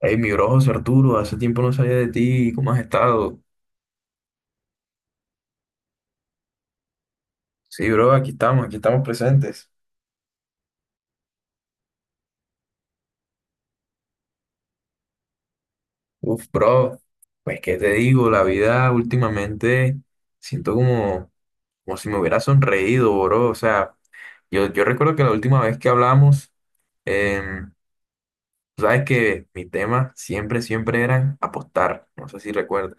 Hey, mi bro José Arturo, hace tiempo no sabía de ti, ¿cómo has estado? Sí, bro, aquí estamos presentes. Uf, bro, pues qué te digo, la vida últimamente siento como, como si me hubiera sonreído, bro. O sea, yo recuerdo que la última vez que hablamos, em, sabes que mi tema siempre, siempre eran apostar, no sé si recuerdas.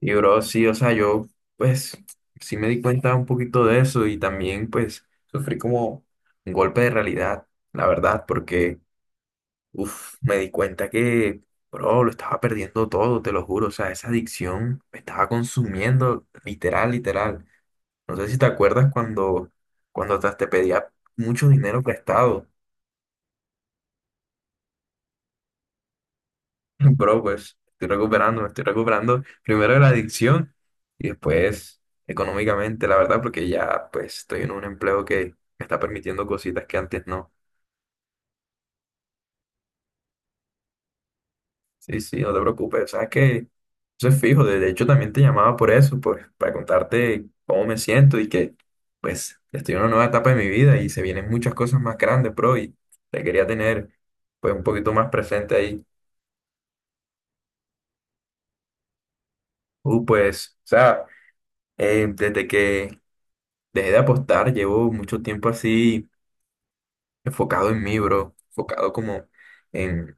Y bro, sí, o sea, yo pues sí me di cuenta un poquito de eso y también pues sufrí como un golpe de realidad, la verdad, porque uff, me di cuenta que, bro, lo estaba perdiendo todo, te lo juro, o sea, esa adicción me estaba consumiendo literal, literal. No sé si te acuerdas cuando, cuando hasta te pedía mucho dinero prestado. Bro, pues estoy recuperando, me estoy recuperando primero de la adicción y después económicamente, la verdad, porque ya pues estoy en un empleo que me está permitiendo cositas que antes no. Sí, sí, no te preocupes, sabes que eso es fijo, de hecho también te llamaba por eso, pues para contarte cómo me siento y que pues estoy en una nueva etapa de mi vida y se vienen muchas cosas más grandes, bro, y te quería tener pues un poquito más presente ahí. Pues, o sea, desde que dejé de apostar, llevo mucho tiempo así enfocado en mí, bro, enfocado como en,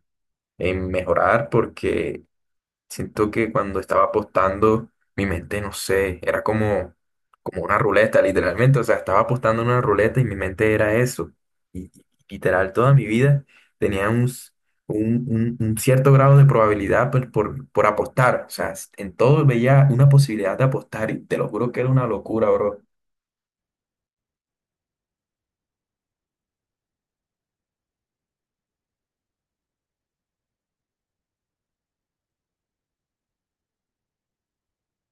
en mejorar porque siento que cuando estaba apostando, mi mente, no sé, era como, como una ruleta, literalmente, o sea, estaba apostando en una ruleta y mi mente era eso. Y literal, toda mi vida tenía un, un, un cierto grado de probabilidad por apostar, o sea, en todo veía una posibilidad de apostar y te lo juro que era una locura, bro.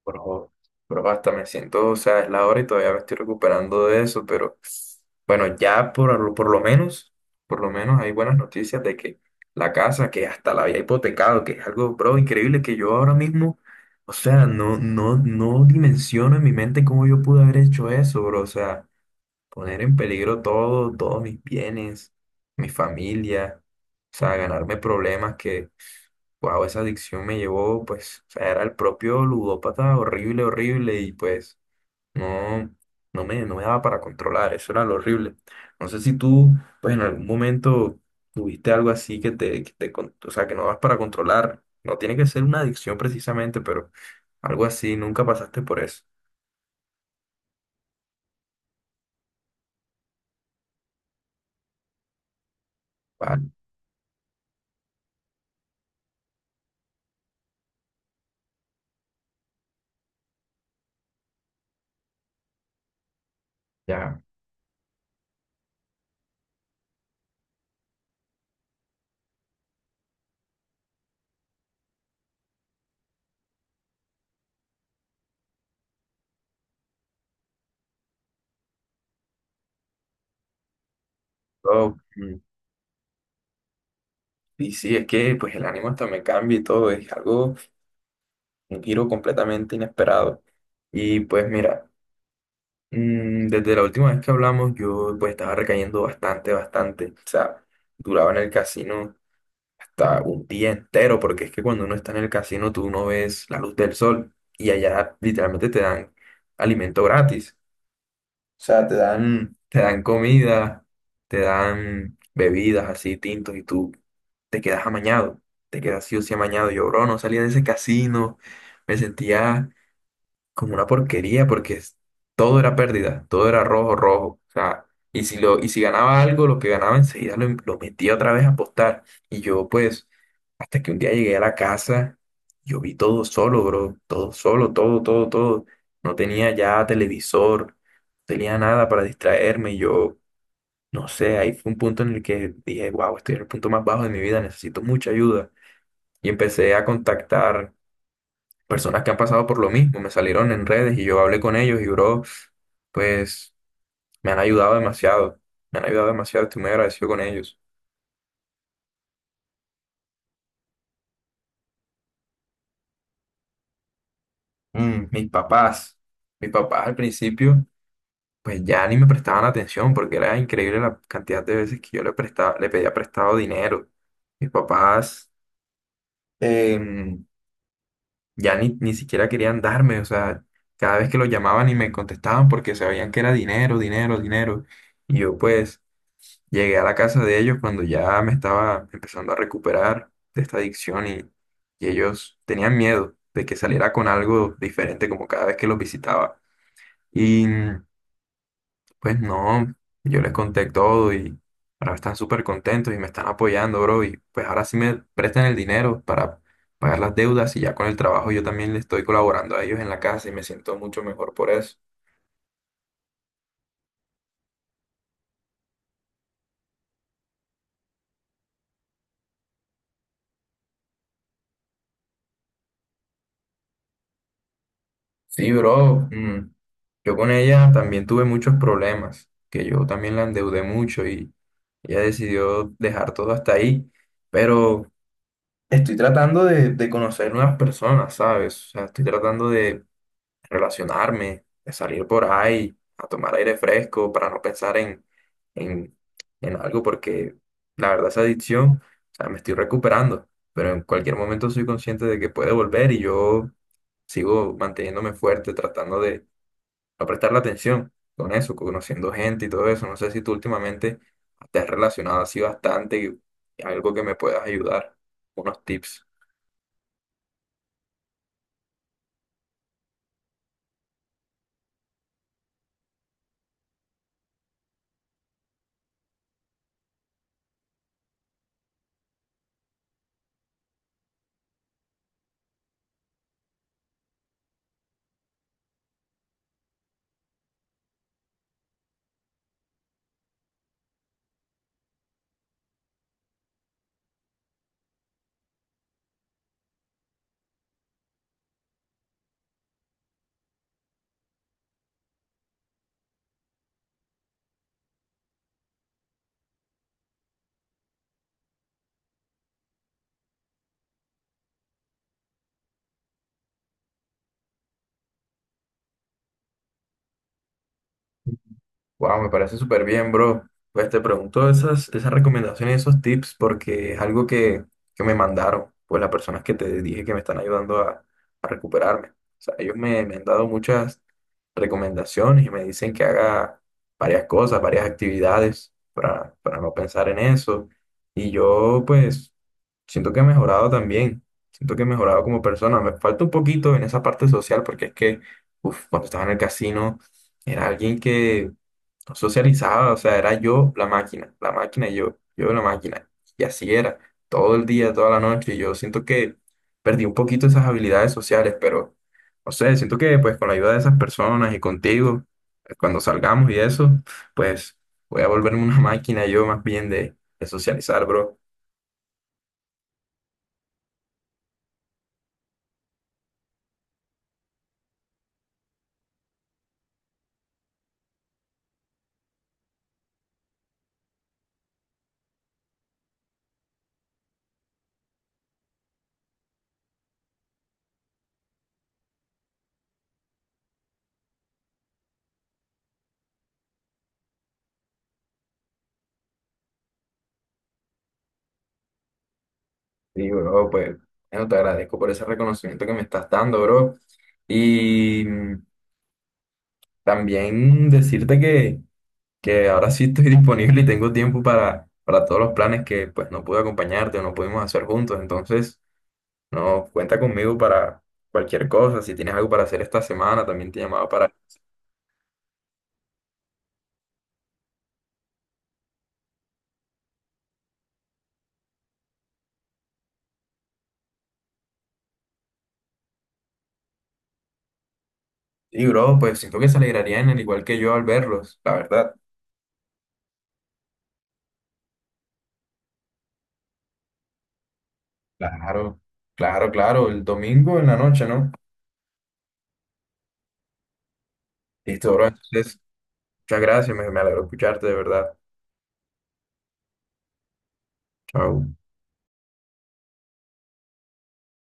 Bro, bro, hasta me siento, o sea, es la hora y todavía me estoy recuperando de eso, pero bueno, ya por, por lo menos hay buenas noticias de que la casa, que hasta la había hipotecado, que es algo, bro, increíble que yo ahora mismo, o sea, no, no, no dimensiono en mi mente cómo yo pude haber hecho eso, bro, o sea, poner en peligro todo, todos mis bienes, mi familia, o sea, ganarme problemas. Wow, esa adicción me llevó, pues, o sea, era el propio ludópata, horrible, horrible, y pues no, no me daba para controlar, eso era lo horrible. No sé si tú, pues, en algún momento tuviste algo así que te, o sea, que no vas para controlar. No tiene que ser una adicción precisamente, pero algo así, nunca pasaste por eso. Vale, ya. Oh, y sí, es que, pues, el ánimo hasta me cambia y todo, es algo, un giro completamente inesperado. Y pues, mira. Desde la última vez que hablamos, yo pues estaba recayendo bastante, bastante. O sea, duraba en el casino hasta un día entero, porque es que cuando uno está en el casino tú no ves la luz del sol y allá literalmente te dan alimento gratis. O sea, te dan comida, te dan bebidas así, tintos, y tú te quedas amañado, te quedas sí o sí amañado. Yo, bro, no salía de ese casino, me sentía como una porquería porque todo era pérdida, todo era rojo, rojo. O sea, y si, lo, y si ganaba algo, lo que ganaba enseguida lo metía otra vez a apostar. Y yo pues, hasta que un día llegué a la casa, yo vi todo solo, bro, todo solo, todo, todo, todo. No tenía ya televisor, no tenía nada para distraerme. Y yo, no sé, ahí fue un punto en el que dije, wow, estoy en el punto más bajo de mi vida, necesito mucha ayuda. Y empecé a contactar personas que han pasado por lo mismo, me salieron en redes y yo hablé con ellos y, bro, pues me han ayudado demasiado, me han ayudado demasiado, estoy muy agradecido con ellos. Mm, mis papás al principio, pues ya ni me prestaban atención porque era increíble la cantidad de veces que yo le prestaba, le pedía prestado dinero. Mis papás em, ya ni, ni siquiera querían darme, o sea, cada vez que los llamaban y me contestaban porque sabían que era dinero, dinero, dinero. Y yo pues... Llegué a la casa de ellos cuando ya me estaba empezando a recuperar de esta adicción y ellos tenían miedo de que saliera con algo diferente como cada vez que los visitaba. Y pues no, yo les conté todo y ahora están súper contentos y me están apoyando, bro. Y pues ahora sí me prestan el dinero para pagar las deudas y ya con el trabajo yo también les estoy colaborando a ellos en la casa y me siento mucho mejor por eso. Sí, bro, yo con ella también tuve muchos problemas, que yo también la endeudé mucho y ella decidió dejar todo hasta ahí, pero estoy tratando de conocer nuevas personas, ¿sabes? O sea, estoy tratando de relacionarme, de salir por ahí, a tomar aire fresco para no pensar en, en algo, porque la verdad esa adicción, o sea, me estoy recuperando, pero en cualquier momento soy consciente de que puede volver y yo sigo manteniéndome fuerte, tratando de a prestarle atención con eso, conociendo gente y todo eso. No sé si tú últimamente te has relacionado así bastante, algo que me puedas ayudar, unos tips. Wow, me parece súper bien, bro. Pues te pregunto esas, esas recomendaciones, esos tips, porque es algo que me mandaron, pues las personas que te dije que me están ayudando a recuperarme. O sea, ellos me, me han dado muchas recomendaciones y me dicen que haga varias cosas, varias actividades para no pensar en eso. Y yo, pues, siento que he mejorado también. Siento que he mejorado como persona. Me falta un poquito en esa parte social, porque es que, uf, cuando estaba en el casino, era alguien que no socializaba, o sea, era yo la máquina y yo la máquina. Y así era, todo el día, toda la noche. Y yo siento que perdí un poquito esas habilidades sociales, pero no sé, siento que pues con la ayuda de esas personas y contigo, cuando salgamos y eso, pues voy a volverme una máquina yo más bien de socializar, bro. Y bro, pues bueno, te agradezco por ese reconocimiento que me estás dando, bro. Y también decirte que ahora sí estoy disponible y tengo tiempo para todos los planes que pues no pude acompañarte o no pudimos hacer juntos. Entonces, no, cuenta conmigo para cualquier cosa. Si tienes algo para hacer esta semana, también te llamaba para... Y bro, pues siento que se alegrarían al igual que yo al verlos, la verdad. Claro, claro, claro, el domingo en la noche, ¿no? Listo, bro. Entonces, muchas gracias, me alegro escucharte, de verdad. Chao.